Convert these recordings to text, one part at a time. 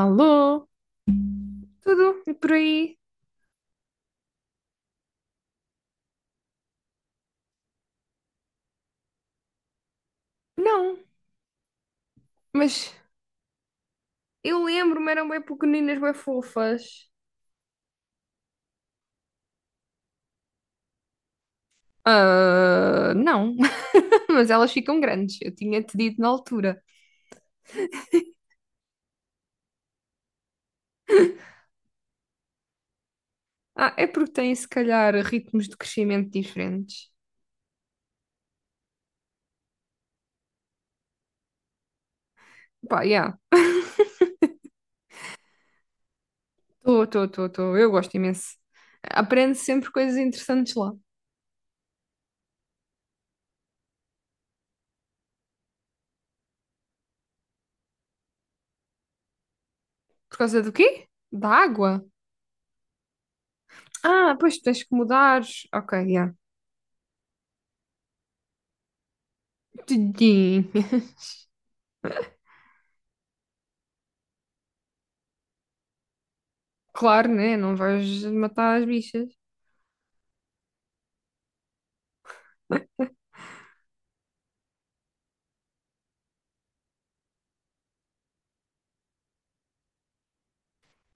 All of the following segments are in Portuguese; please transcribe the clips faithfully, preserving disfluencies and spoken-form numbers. Alô? Tudo? E por aí? Não, mas eu lembro-me, eram bem pequeninas, bem fofas. Ah, não, mas elas ficam grandes, eu tinha-te dito na altura. Ah, é porque têm se calhar ritmos de crescimento diferentes. Pá, já, estou, estou, estou, estou, eu gosto imenso. Aprendo sempre coisas interessantes lá. Por causa do quê? Da água? Ah, pois tens que mudar. Ok, já. Tudinho. Claro, né? Não vais matar as bichas.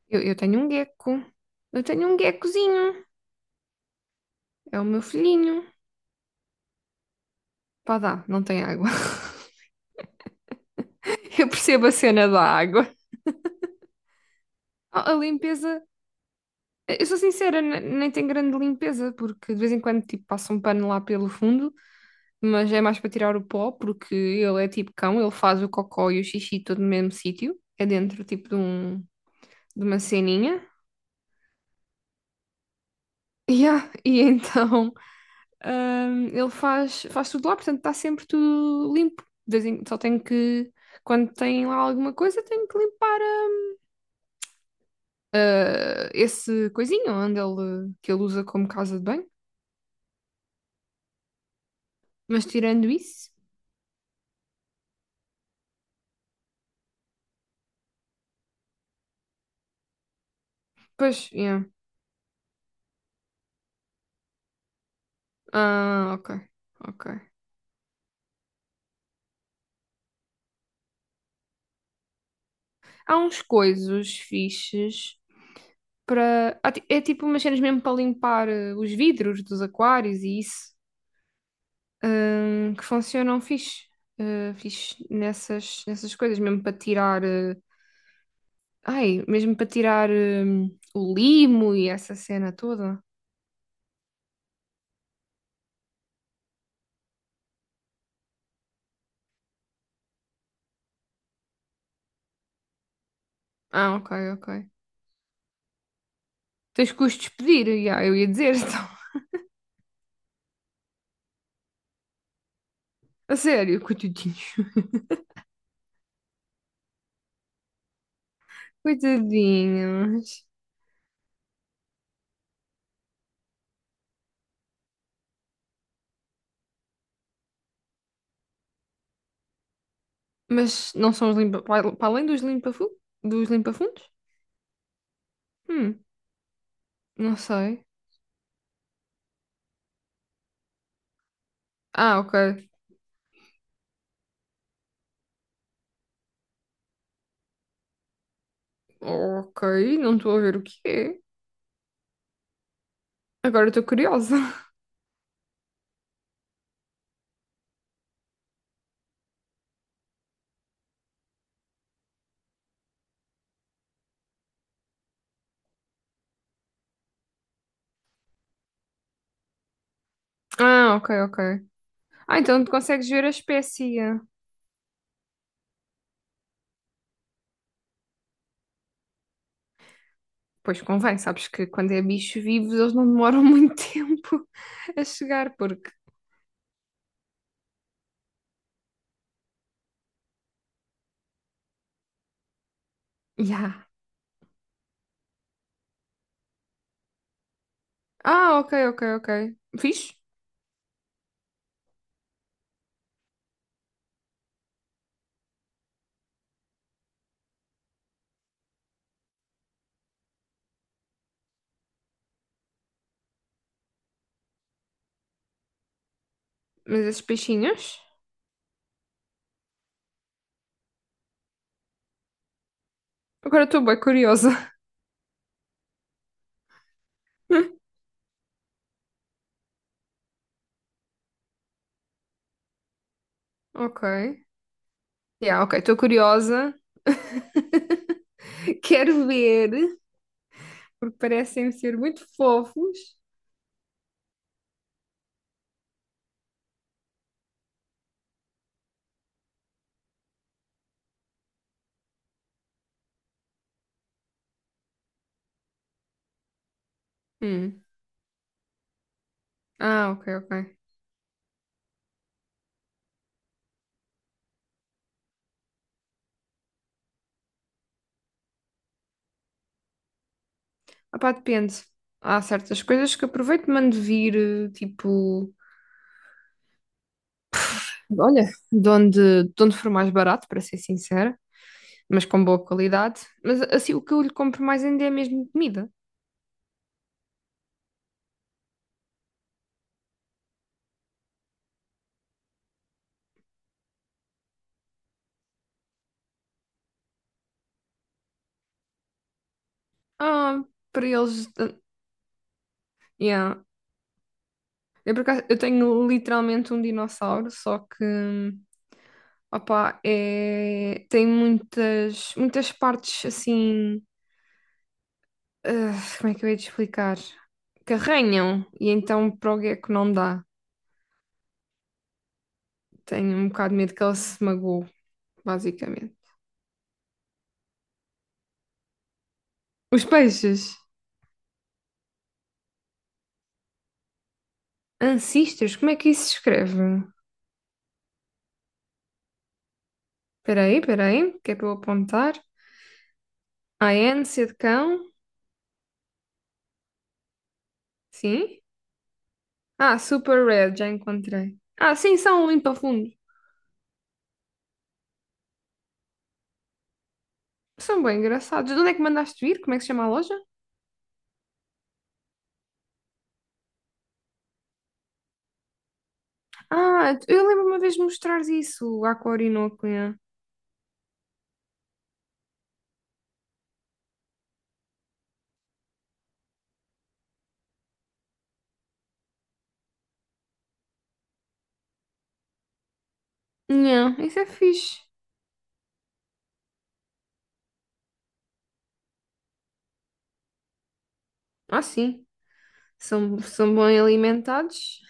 Eu, eu tenho um gecko. Eu tenho um geckozinho. É o meu filhinho. Pá, dá, não tem água. Eu percebo a cena da água. A a limpeza. Eu sou sincera, ne- nem tem grande limpeza, porque de vez em quando tipo, passa um pano lá pelo fundo, mas é mais para tirar o pó, porque ele é tipo cão, ele faz o cocó e o xixi todo no mesmo sítio. É dentro tipo de, um, de uma ceninha. Yeah, e então. Ahm, ele faz, faz tudo lá, portanto está sempre tudo limpo. De vez em- só tenho que, quando tem lá alguma coisa, tenho que limpar ah, esse coisinho onde ele, que ele usa como casa de banho. Mas tirando isso, pois, yeah. Ah, ok, ok. Há uns coisos fixes para. há ti- É tipo umas cenas mesmo para limpar eh, os vidros dos aquários e isso, hum, que funcionam fixe, eh, fixe nessas, nessas coisas, mesmo para tirar. eh, Ai, mesmo para tirar hum, o limo e essa cena toda? Ah, ok, ok. Tens que os despedir, já, eu ia dizer, então. A sério, coitadinhos. Coitadinhos. Mas não são os limpa... Para para além dos limpa-fu... dos limpa-fundos? Hum, não sei. Ah, ok. Ok, não estou a ver o que é. Agora estou curiosa. Ah, ok, ok. Ah, então tu consegues ver a espécie. Pois convém, sabes que quando é bicho vivo eles não demoram muito tempo a chegar, porque Ya. Ah, ok, ok, ok. Fixe. Mas esses peixinhos? Agora estou bem curiosa. Ok. Yeah, ok, estou curiosa. Quero ver, porque parecem ser muito fofos. Hum. Ah, ok, ok. Ah, pá, depende. Há certas coisas que aproveito e mando vir, eh, tipo, olha, de onde, de onde for mais barato, para ser sincera, mas com boa qualidade. Mas assim, o que eu lhe compro mais ainda é mesmo comida. Ah, para eles. Ah, Yeah. Eu, por acaso, eu tenho literalmente um dinossauro, só que, opá, é... tem muitas, muitas partes assim, ah, como é que eu ia te explicar? Que arranham, e então para o gecko não dá. Tenho um bocado de medo que ele se magoe, basicamente. Os peixes, ancestors, como é que isso se escreve? Espera aí, espera aí, que é para eu apontar. A N, C de cão, sim. Ah, super red, já encontrei. Ah, sim, são limpa-fundos. São bem engraçados. De onde é que mandaste vir? Como é que se chama a loja? Ah, eu lembro uma vez de mostrares isso à Corinoco. Yeah. Yeah, isso é fixe. Ah, sim. São, são bem alimentados.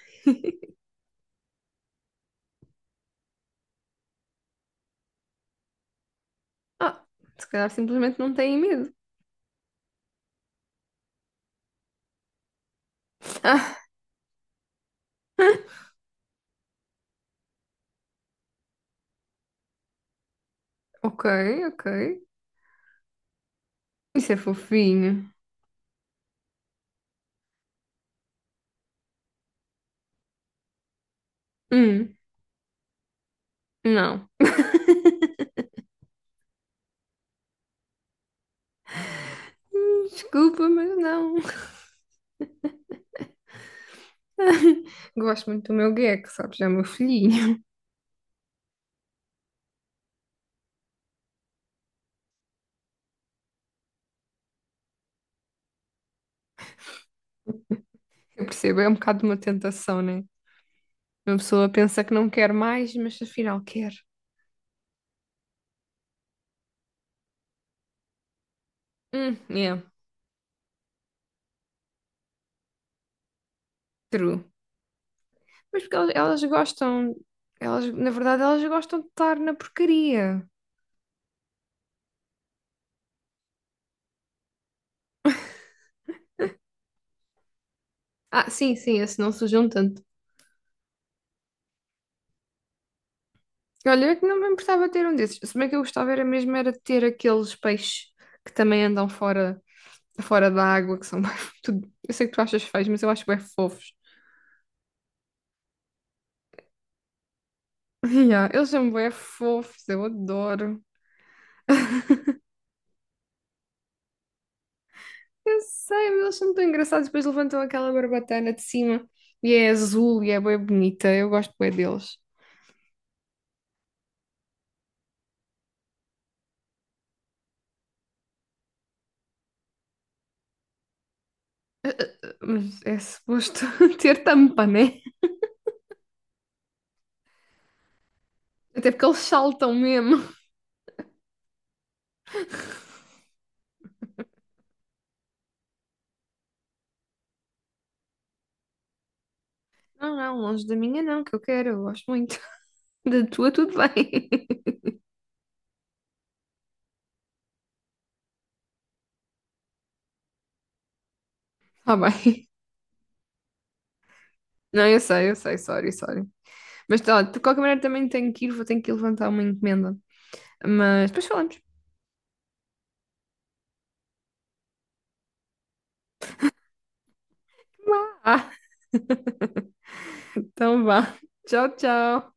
Ah, se calhar simplesmente não têm medo. Ah, ok, ok. Isso é fofinho. Hum, não. Desculpa, mas não. Gosto muito do meu gecko, sabes? É o meu filhinho. Eu percebo, é um bocado de uma tentação, né? Uma pessoa pensa que não quer mais, mas afinal quer. Hum, yeah, true. Mas porque elas, elas gostam, elas, na verdade, elas gostam de estar na porcaria. Ah, sim, sim, esse não sujam tanto. Olha, eu é que não me importava ter um desses. Se bem que eu gostava era mesmo era de ter aqueles peixes que também andam fora, fora da água, que são mais... tudo- Eu sei que tu achas feios, mas eu acho bem fofos. Ya, eles são bem fofos, eu adoro. Eu sei, mas eles são tão engraçados. Depois levantam aquela barbatana de cima e é azul e é bem bonita. Eu gosto bem deles. Mas é suposto ter tampa, né? Até porque eles saltam mesmo. Não, não, longe da minha não, que eu quero, eu gosto muito. Da tua, tudo bem. Ah, bem. Não, eu sei, eu sei, sorry, sorry. Mas tá, de qualquer maneira também tenho que ir, vou ter que levantar uma encomenda. Mas depois falamos. Uá. Então vá. Tchau, tchau.